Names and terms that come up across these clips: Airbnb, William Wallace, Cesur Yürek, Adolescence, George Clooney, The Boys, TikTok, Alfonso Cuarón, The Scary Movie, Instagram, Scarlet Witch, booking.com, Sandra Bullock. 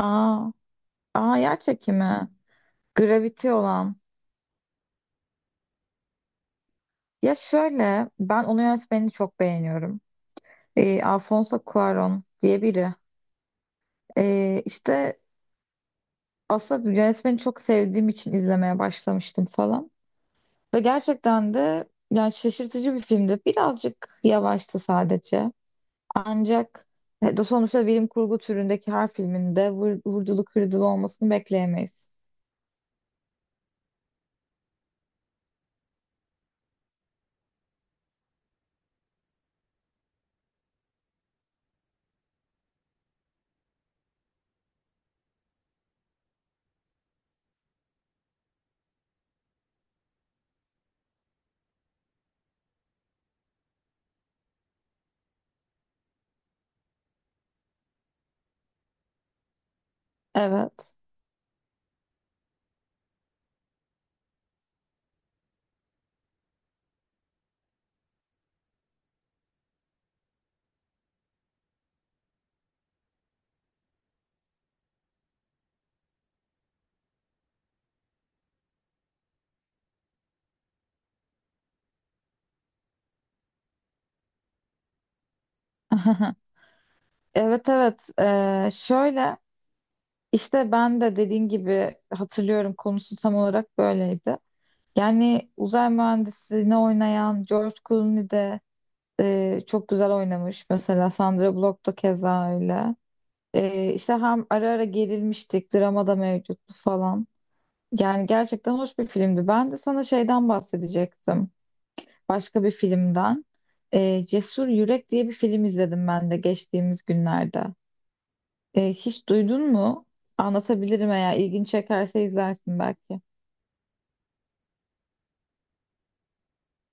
Aa, yer çekimi. Gravity olan. Ya şöyle ben onun yönetmenini çok beğeniyorum. Alfonso Cuarón diye biri. Ee, işte aslında yönetmeni çok sevdiğim için izlemeye başlamıştım falan. Ve gerçekten de yani şaşırtıcı bir filmdi. Birazcık yavaştı sadece. Ancak de sonuçta bilim kurgu türündeki her filminde vurdulu kırdılı olmasını bekleyemeyiz. Evet. Evet, evet. Şöyle İşte ben de dediğin gibi hatırlıyorum, konusu tam olarak böyleydi. Yani uzay mühendisliğini oynayan George Clooney de çok güzel oynamış. Mesela Sandra Bullock da keza öyle. Hem ara ara gerilmiştik, drama da mevcuttu falan. Yani gerçekten hoş bir filmdi. Ben de sana şeyden bahsedecektim. Başka bir filmden. Cesur Yürek diye bir film izledim ben de geçtiğimiz günlerde. Hiç duydun mu? Anlatabilirim, eğer ilgin çekerse izlersin belki.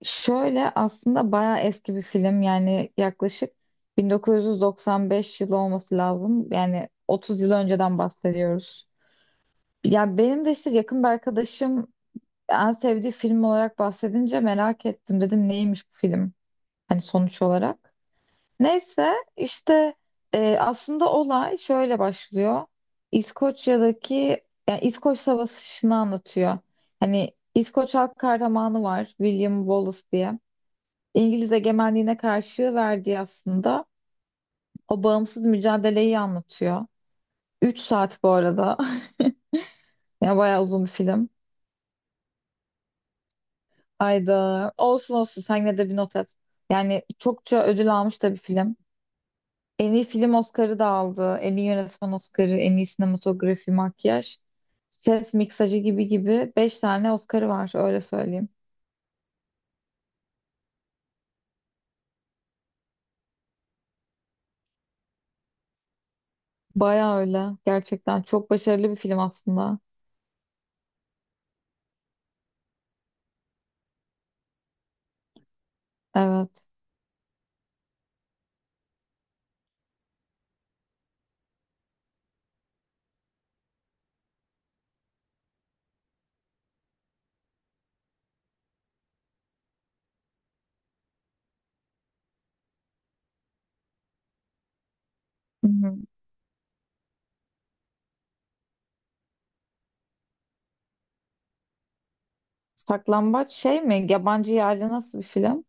Şöyle aslında bayağı eski bir film, yani yaklaşık 1995 yılı olması lazım. Yani 30 yıl önceden bahsediyoruz. Ya benim de işte yakın bir arkadaşım en sevdiği film olarak bahsedince merak ettim. Dedim, neymiş bu film? Hani sonuç olarak. Neyse işte aslında olay şöyle başlıyor. İskoçya'daki, yani İskoç Savaşı'nı anlatıyor. Hani İskoç halk kahramanı var, William Wallace diye. İngiliz egemenliğine karşı verdiği aslında o bağımsız mücadeleyi anlatıyor. Üç saat bu arada. Yani bayağı uzun bir film. Ayda olsun olsun sen yine de bir not et. Yani çokça ödül almış da bir film. En iyi film Oscar'ı da aldı. En iyi yönetmen Oscar'ı, en iyi sinematografi, makyaj, ses miksajı gibi gibi 5 tane Oscar'ı var, öyle söyleyeyim. Baya öyle. Gerçekten çok başarılı bir film aslında. Evet. Hı hı. Saklambaç şey mi? Yabancı yerli, nasıl bir film?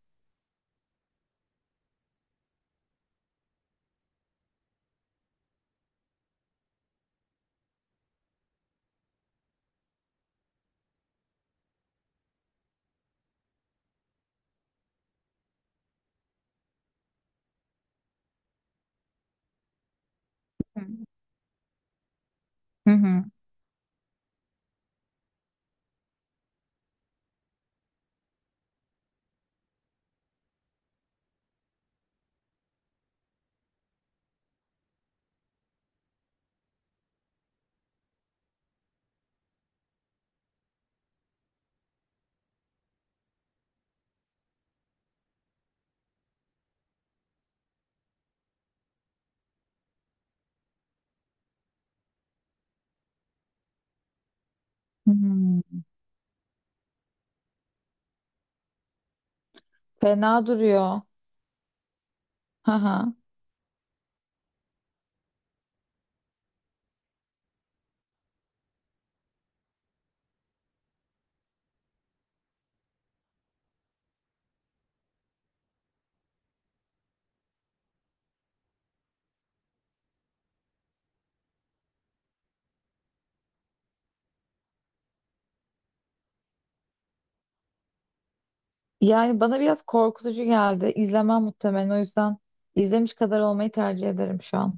Hı hı. Hı hı. Hı hı. Fena duruyor. Hı hı. Yani bana biraz korkutucu geldi. İzlemem muhtemelen. O yüzden izlemiş kadar olmayı tercih ederim şu an.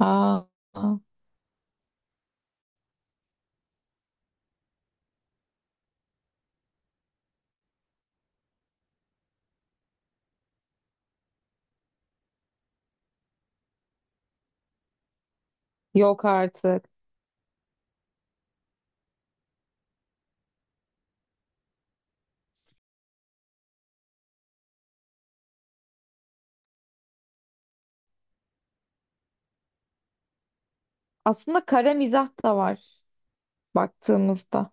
Aa, yok artık. Aslında kara mizah da var baktığımızda.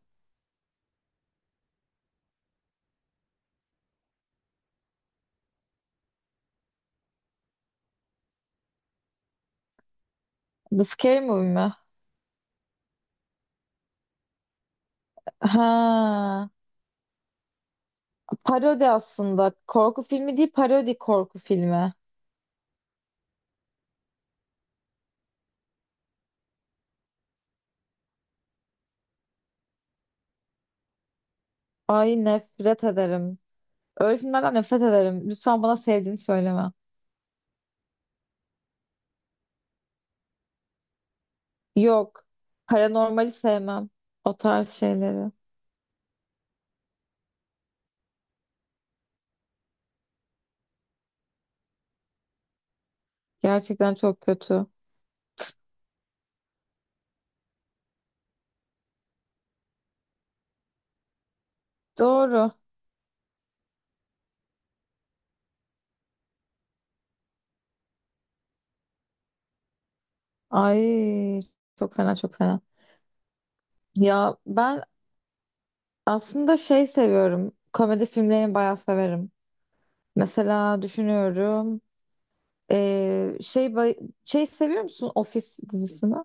The Scary Movie mi? Ha. Parodi aslında. Korku filmi değil, parodi korku filmi. Ay nefret ederim. Öyle filmlerden nefret ederim. Lütfen bana sevdiğini söyleme. Yok. Paranormali sevmem. O tarz şeyleri. Gerçekten çok kötü. Doğru. Ay, çok fena, çok fena. Ya ben aslında şey seviyorum. Komedi filmlerini bayağı severim. Mesela düşünüyorum. Ee, şey bay- şey seviyor musun Office dizisini?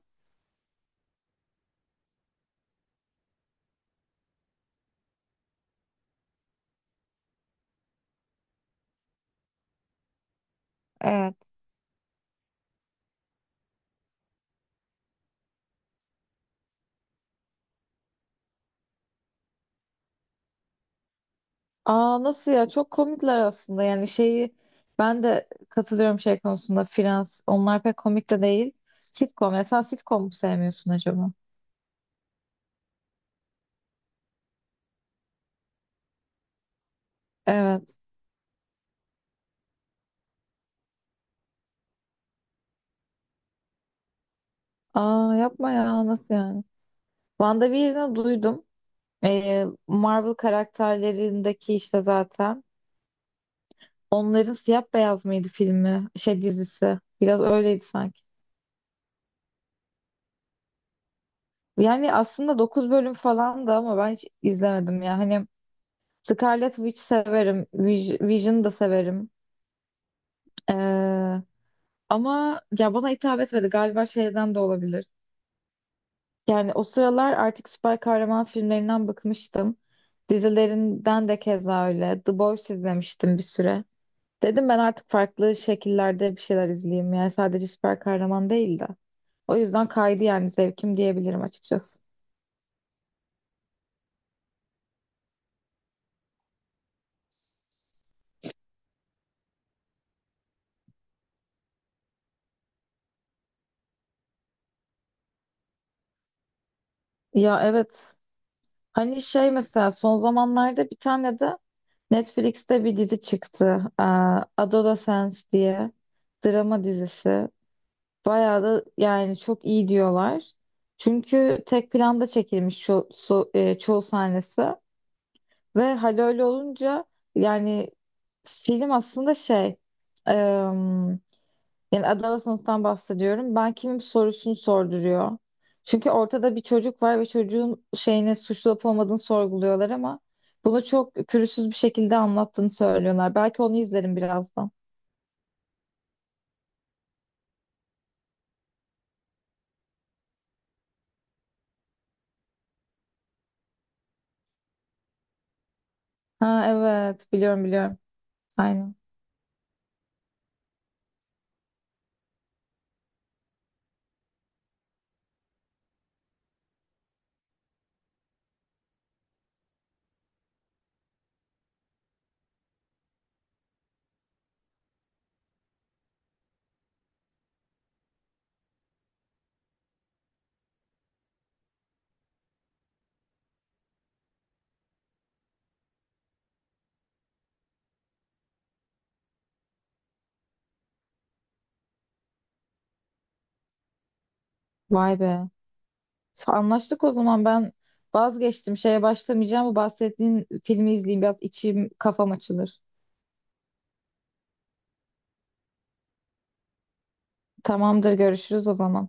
Evet. Aa nasıl ya, çok komikler aslında. Yani şeyi ben de katılıyorum şey konusunda, Frans onlar pek komik de değil. Sitcom, ya sen sitcom mu sevmiyorsun acaba? Evet. Aa, yapma ya, nasıl yani? WandaVision'ı duydum. Marvel karakterlerindeki işte zaten. Onların siyah beyaz mıydı filmi? Şey, dizisi. Biraz öyleydi sanki. Yani aslında 9 bölüm falan da, ama ben hiç izlemedim ya. Hani Scarlet Witch severim. Vision'ı da severim. Ee, Ama ya bana hitap etmedi. Galiba şeyden de olabilir. Yani o sıralar artık süper kahraman filmlerinden bıkmıştım. Dizilerinden de keza öyle. The Boys izlemiştim bir süre. Dedim ben artık farklı şekillerde bir şeyler izleyeyim. Yani sadece süper kahraman değil de. O yüzden kaydı yani zevkim, diyebilirim açıkçası. Ya evet. Hani şey, mesela son zamanlarda bir tane de Netflix'te bir dizi çıktı. Adolescence diye. Drama dizisi. Bayağı da yani çok iyi diyorlar. Çünkü tek planda çekilmiş çoğu sahnesi ve hal öyle olunca yani film aslında em, yani Adolescence'dan bahsediyorum. Ben kimim sorusunu sorduruyor. Çünkü ortada bir çocuk var ve çocuğun şeyini, suçlu olup olmadığını sorguluyorlar, ama bunu çok pürüzsüz bir şekilde anlattığını söylüyorlar. Belki onu izlerim birazdan. Ha evet, biliyorum biliyorum. Aynen. Vay be. Anlaştık o zaman. Ben vazgeçtim. Şeye başlamayacağım. Bu bahsettiğin filmi izleyeyim. Biraz içim kafam açılır. Tamamdır, görüşürüz o zaman.